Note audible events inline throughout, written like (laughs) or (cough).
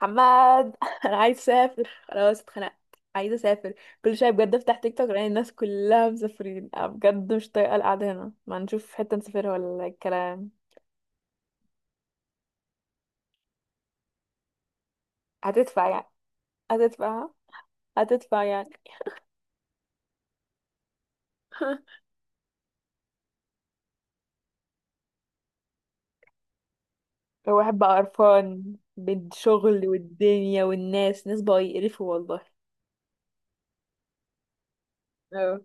حماد، (laughs) انا عايز اسافر، خلاص اتخنقت. عايزه اسافر. كل شويه بجد افتح تيك توك الاقي الناس كلها مسافرين. أنا بجد مش طايقه القعده هنا، ما نشوف حته نسافرها ولا الكلام؟ هتدفع يعني؟ هتدفع هتدفع يعني؟ (laughs) الواحد بقى قرفان بالشغل والدنيا والناس، ناس بقى يقرفوا والله. اه.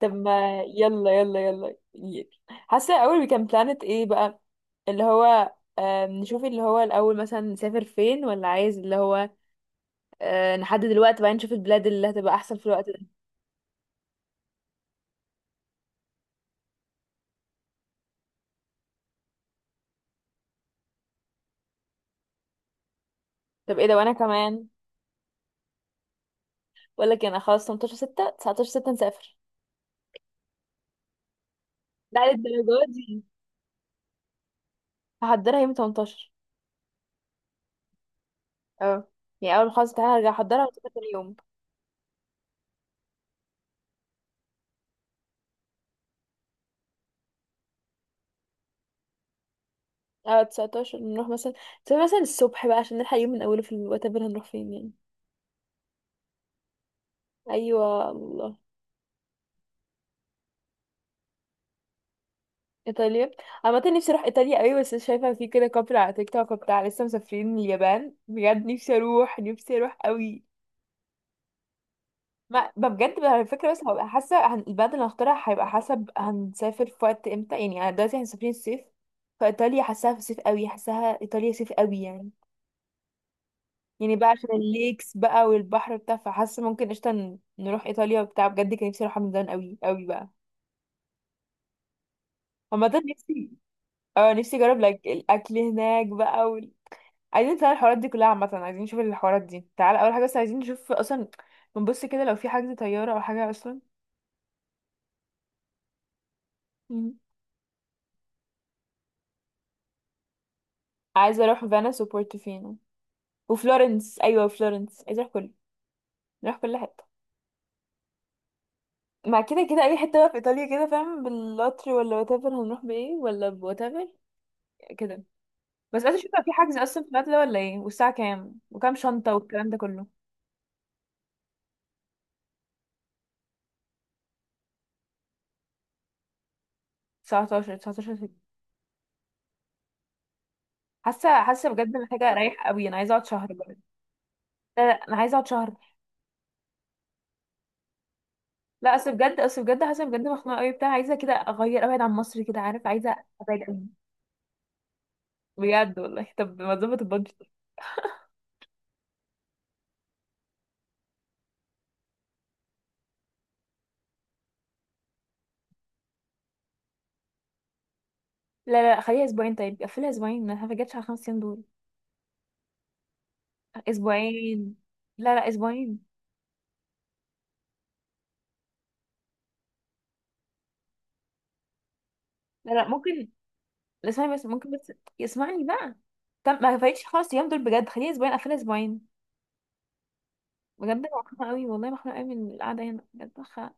طب ما يلا يلا يلا يلا. حاسه الاول كان بلانت ايه بقى، اللي هو، نشوف اللي هو الاول مثلا نسافر فين، ولا عايز اللي هو، نحدد الوقت بعدين نشوف البلاد اللي هتبقى احسن في الوقت ده. طب ايه ده، وانا كمان. بقول لك إيه، انا خلاص 18 6 19 6 نسافر. لا للدرجه دي، هحضرها يوم 18. اه. يعني اول ما خلاص تعالى ارجع احضرها وتبقى تاني يوم. اه، 19 نروح مثلا. تبقى مثلا الصبح بقى عشان نلحق يوم من اوله، في الوقت اللي هنروح فين يعني. ايوه الله ايطاليا. عامة نفسي اروح ايطاليا قوي، بس شايفه في كده كابل على تيك توك وبتاع لسه مسافرين اليابان، بجد نفسي اروح، نفسي اروح قوي. ما بجد بقى الفكرة، بس هبقى حاسة البلد اللي هختارها هيبقى حسب هنسافر في وقت امتى، يعني انا دلوقتي احنا مسافرين الصيف. فايطاليا حاساها في الصيف قوي، حاساها ايطاليا صيف قوي يعني. يعني بقى عشان الليكس بقى والبحر بتاع، فحاسة ممكن قشطة نروح ايطاليا وبتاع، بجد كان نفسي اروحها من زمان قوي قوي بقى. عامة نفسي. اه، نفسي اجرب لايك الاكل هناك بقى عايزين نتابع الحوارات دي كلها، عامة عايزين نشوف الحوارات دي، تعال اول حاجة بس عايزين نشوف اصلا. بنبص كده لو في حجز طيارة او حاجة اصلا. مم. عايزة اروح فينيس وبورتوفينو وفلورنس، ايوه فلورنس، عايزه اروح كله. نروح كل حته. مع كده كده اي حته بقى في ايطاليا، كده فاهم، بالقطر ولا وات ايفر، هنروح بايه ولا بوات ايفر، كده. بس عايزه اشوف لو في حجز اصلا في الوقت ده ولا ايه، والساعه كام وكام شنطه والكلام ده كله. 19 19 ساعة. حاسه حاسه بجد محتاجه اريح قوي، انا عايزه اقعد شهر بجد. لا لا، انا عايزه اقعد شهر. لا، اصل بجد اصل بجد حاسه بجد مخنوقه قوي بتاع، عايزه كده اغير ابعد عن مصر كده عارف، عايزه ابعد قوي. بجد والله، طب ما تظبط البادجت. لا لا، خليها اسبوعين، طيب قفلها اسبوعين، انا ما جاتش على خمس ايام دول. اسبوعين. لا لا، اسبوعين. لا لا، ممكن. لا، اسمعني بس ممكن بس. اسمعني بقى. طب ما فايتش خالص الايام دول بجد، خليني اسبوعين، اقفلها اسبوعين. بجد انا مخنوقه قوي والله، مخنوقه قوي من القعده هنا، بجد مخنوقه.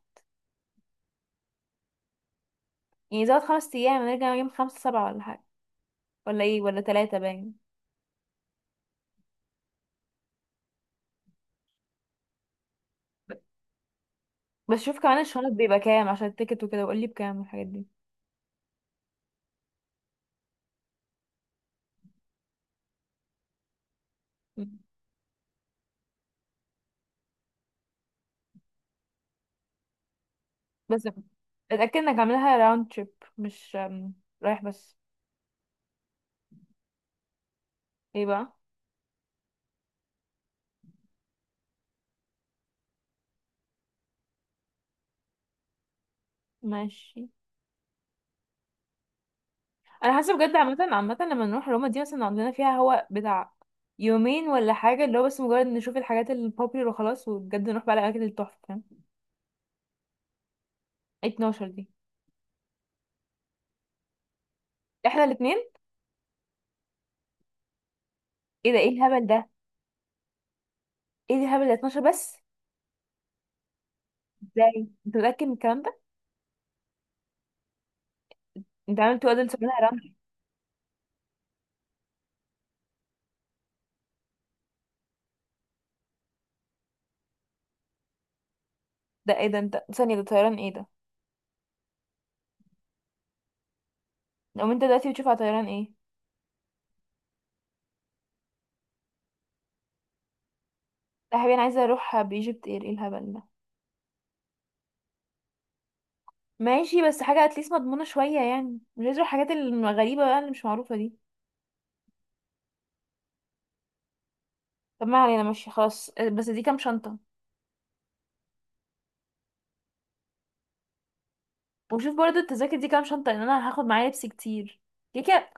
يعني زود خمس ايام، نرجع يوم خمسة سبعة ولا حاجه، ولا ايه، ولا ثلاثة باين. بس شوف كمان الشنط بيبقى كام عشان التيكت وكده، وقول لي بكام الحاجات دي. مم. بس اتاكد انك عاملها راوند تريب، مش رايح بس. ايه بقى. ماشي. انا حاسه بجد، عامه عامه لما نروح روما دي مثلا عندنا فيها هو بتاع يومين ولا حاجه، اللي هو بس مجرد نشوف الحاجات البوبيلر وخلاص، وبجد نروح بقى الاماكن التحفه فاهم. 12 دي. احنا الاثنين. ايه ده، ايه الهبل ده. ايه ده الهبل ده، 12 بس. ازاي. انت متاكد من الكلام ده. انت عامل تو ادلتس منها رمل. ده ايه ده، انت ثانيه، ده طيران ايه ده. لو انت دلوقتي بتشوف على طيران ايه. لا يا حبيبي، انا عايزه اروح بايجيبت اير، ايه الهبل ده. ماشي بس حاجه اتليست مضمونه شويه يعني، مش عايزه اروح الحاجات الغريبه بقى اللي مش معروفه دي. طب ما علينا، ماشي خلاص، بس دي كام شنطه. وشوف برضو التذاكر دي كام شنطة، لان انا هاخد معايا لبس كتير، كده كده.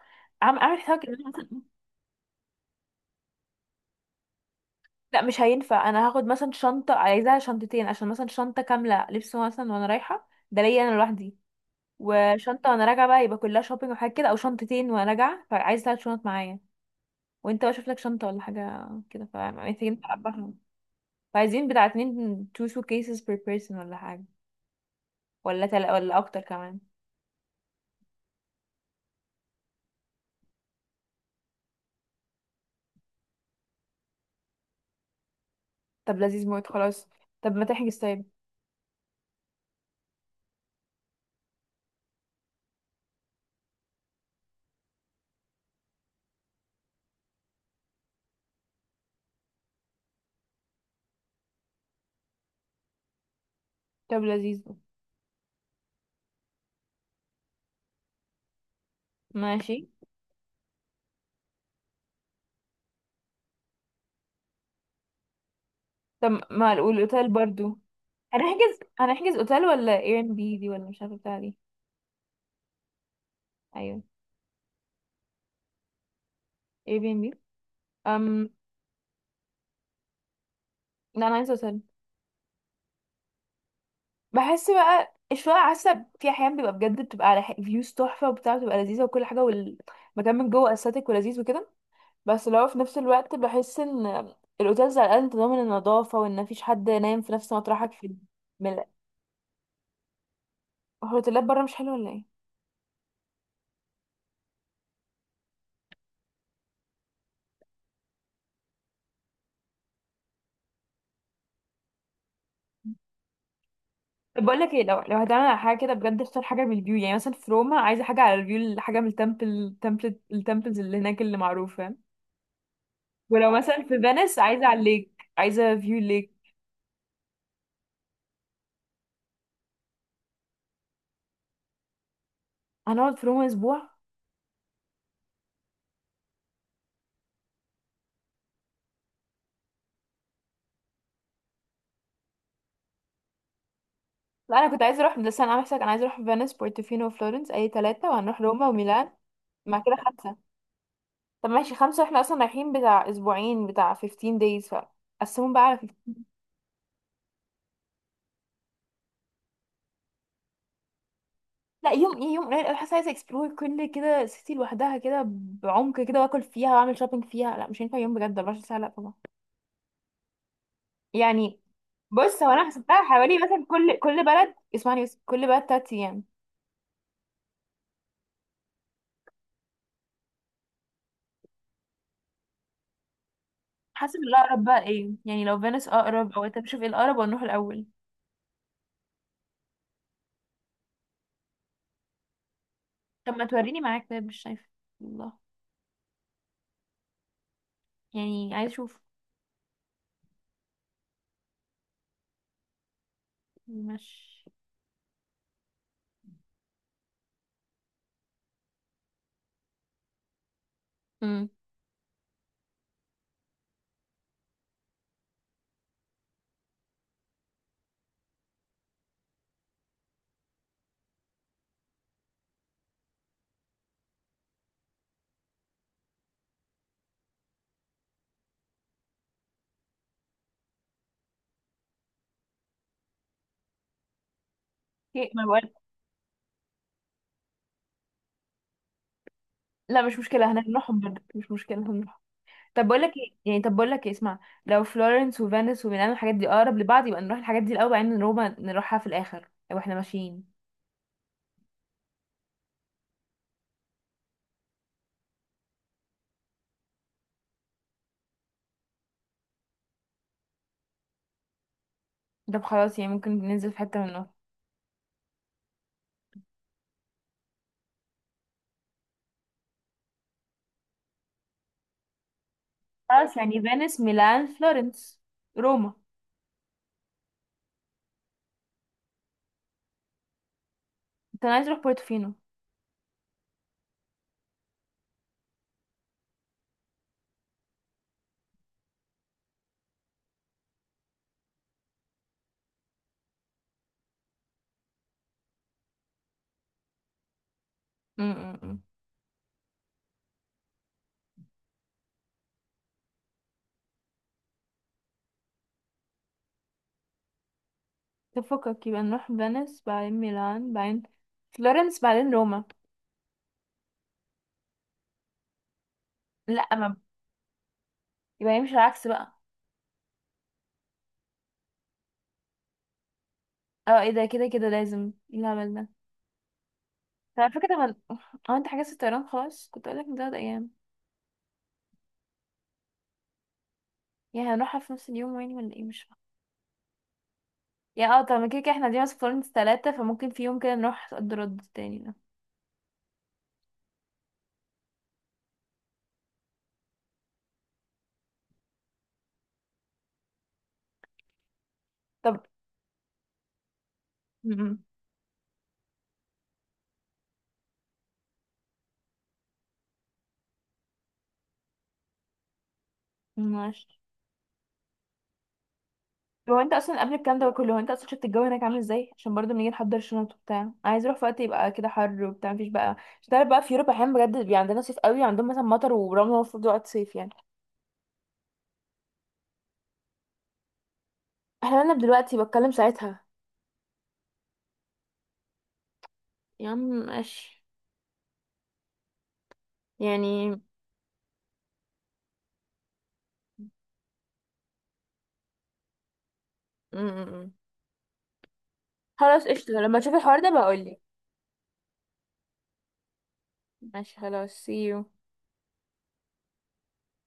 عم اعمل حسابك ان انا مثلا (laughs) لا مش هينفع، انا هاخد مثلا شنطة، عايزاها شنطتين، عشان مثلا شنطة كاملة لبس مثلا وانا رايحة، ده ليا انا لوحدي. وشنطة وانا راجعة بقى، يبقى كلها شوبينج وحاجات كده، او شنطتين وانا راجعة، فعايز ثلاث شنط معايا. وانت بقى شوف لك شنطة ولا حاجة كده، فمحتاجين نعبرهم. فعايزين بتاع اتنين two suitcases per person ولا حاجة. ولا ولا اكتر كمان. طب لذيذ موت خلاص. طب ما تحجز طيب. طب لذيذ. ماشي. طب ما الاوتيل برضو. هنحجز اوتيل ولا اير ان بي دي، ولا مش عارفه بتاع دي. ايوه اير بي ان بي. ام لا انا عايزه اوتيل. بحس بقى الشقق عسب في احيان بيبقى بجد بتبقى على فيوز تحفه وبتاع، بتبقى لذيذه وكل حاجه والمكان من جوه استاتيك ولذيذ وكده. بس لو في نفس الوقت بحس ان الاوتيلز على الاقل انت ضامن النظافه، وان مفيش حد نايم في نفس مطرحك في الم- الهوتيلات بره مش حلوه ولا ايه. طب بقول لك ايه، لو هتعمل على حاجه كده بجد، اختار حاجه من الفيو يعني. مثلا في روما عايزه حاجه على الفيو، حاجه من التمبلز اللي هناك اللي معروفه. ولو مثلا في فينيس عايزه على الليك، عايزه فيو الليك. هنقعد في روما اسبوع. لا انا كنت عايزه اروح، بس انا عامله حسابك، انا عايزه اروح فينيس بورتوفينو وفلورنس، اي ثلاثه، وهنروح روما وميلان. مع كده خمسه. طب ماشي خمسه، احنا اصلا رايحين بتاع اسبوعين، بتاع 15 days، فقسمهم بقى على. لا يوم ايه، يوم قليل قوي، حاسه عايزه اكسبلور كل كده سيتي لوحدها كده بعمق كده، واكل فيها واعمل شوبينج فيها، لا مش هينفع يوم بجد 24 ساعه لا طبعا يعني. بص هو انا حسبتها حوالي مثلا كل بلد، اسمعني بس، كل بلد تلات ايام. حسب الاقرب بقى ايه يعني، لو فينس اقرب او انت بتشوف ايه الاقرب ونروح الاول. طب ما توريني معاك طيب، مش شايفه. الله. يعني عايز اشوف. مش امم ما بقول. لا مش مشكله، هنروحهم برضه، مش مشكله هنروحهم. طب بقول لك ايه يعني، طب بقول لك ايه، اسمع. لو فلورنس وفينيس وميلانو الحاجات دي اقرب لبعض، يبقى نروح الحاجات دي الاول، بعدين روما نروحها في الاخر لو احنا ماشيين. طب خلاص يعني ممكن ننزل في حته منهم. خلاص يعني فينيس ميلان فلورنس روما. انت أنا عايز اروح بورتوفينو. امم طب فكك، يبقى نروح فينيس بعدين ميلان بعدين فلورنس بعدين روما. لا ما. يبقى يمشي العكس بقى. اه ايه ده، كده كده لازم، ايه الهبل ده. طب على فكره، طب هو انت حجزت الطيران خلاص، كنت اقول لك من تلات ايام. يعني هنروحها في نفس اليوم يعني ولا ايه، مش. يا اه، طب ما كده كده احنا دي في فلورنس تلاتة، فممكن في يوم كده نروح صد رد تاني ده. طب م- م. ماشي. هو انت اصلا قبل الكلام ده كله، هو انت اصلا شفت الجو هناك عامل ازاي، عشان برضه بنيجي نحضر الشنط وبتاع، انا عايز اروح في وقت يبقى كده حر وبتاع، مفيش بقى. مش تعرف بقى في اوروبا احيانا بجد بيبقى عندنا صيف قوي عندهم مثلا مطر ورمل، المفروض وقت صيف يعني. احنا مالنا دلوقتي، بتكلم ساعتها. يا عم ماشي. يعني م- م- م. خلاص قشطة، لما تشوف الحوار ده بقولي. ماشي خلاص see you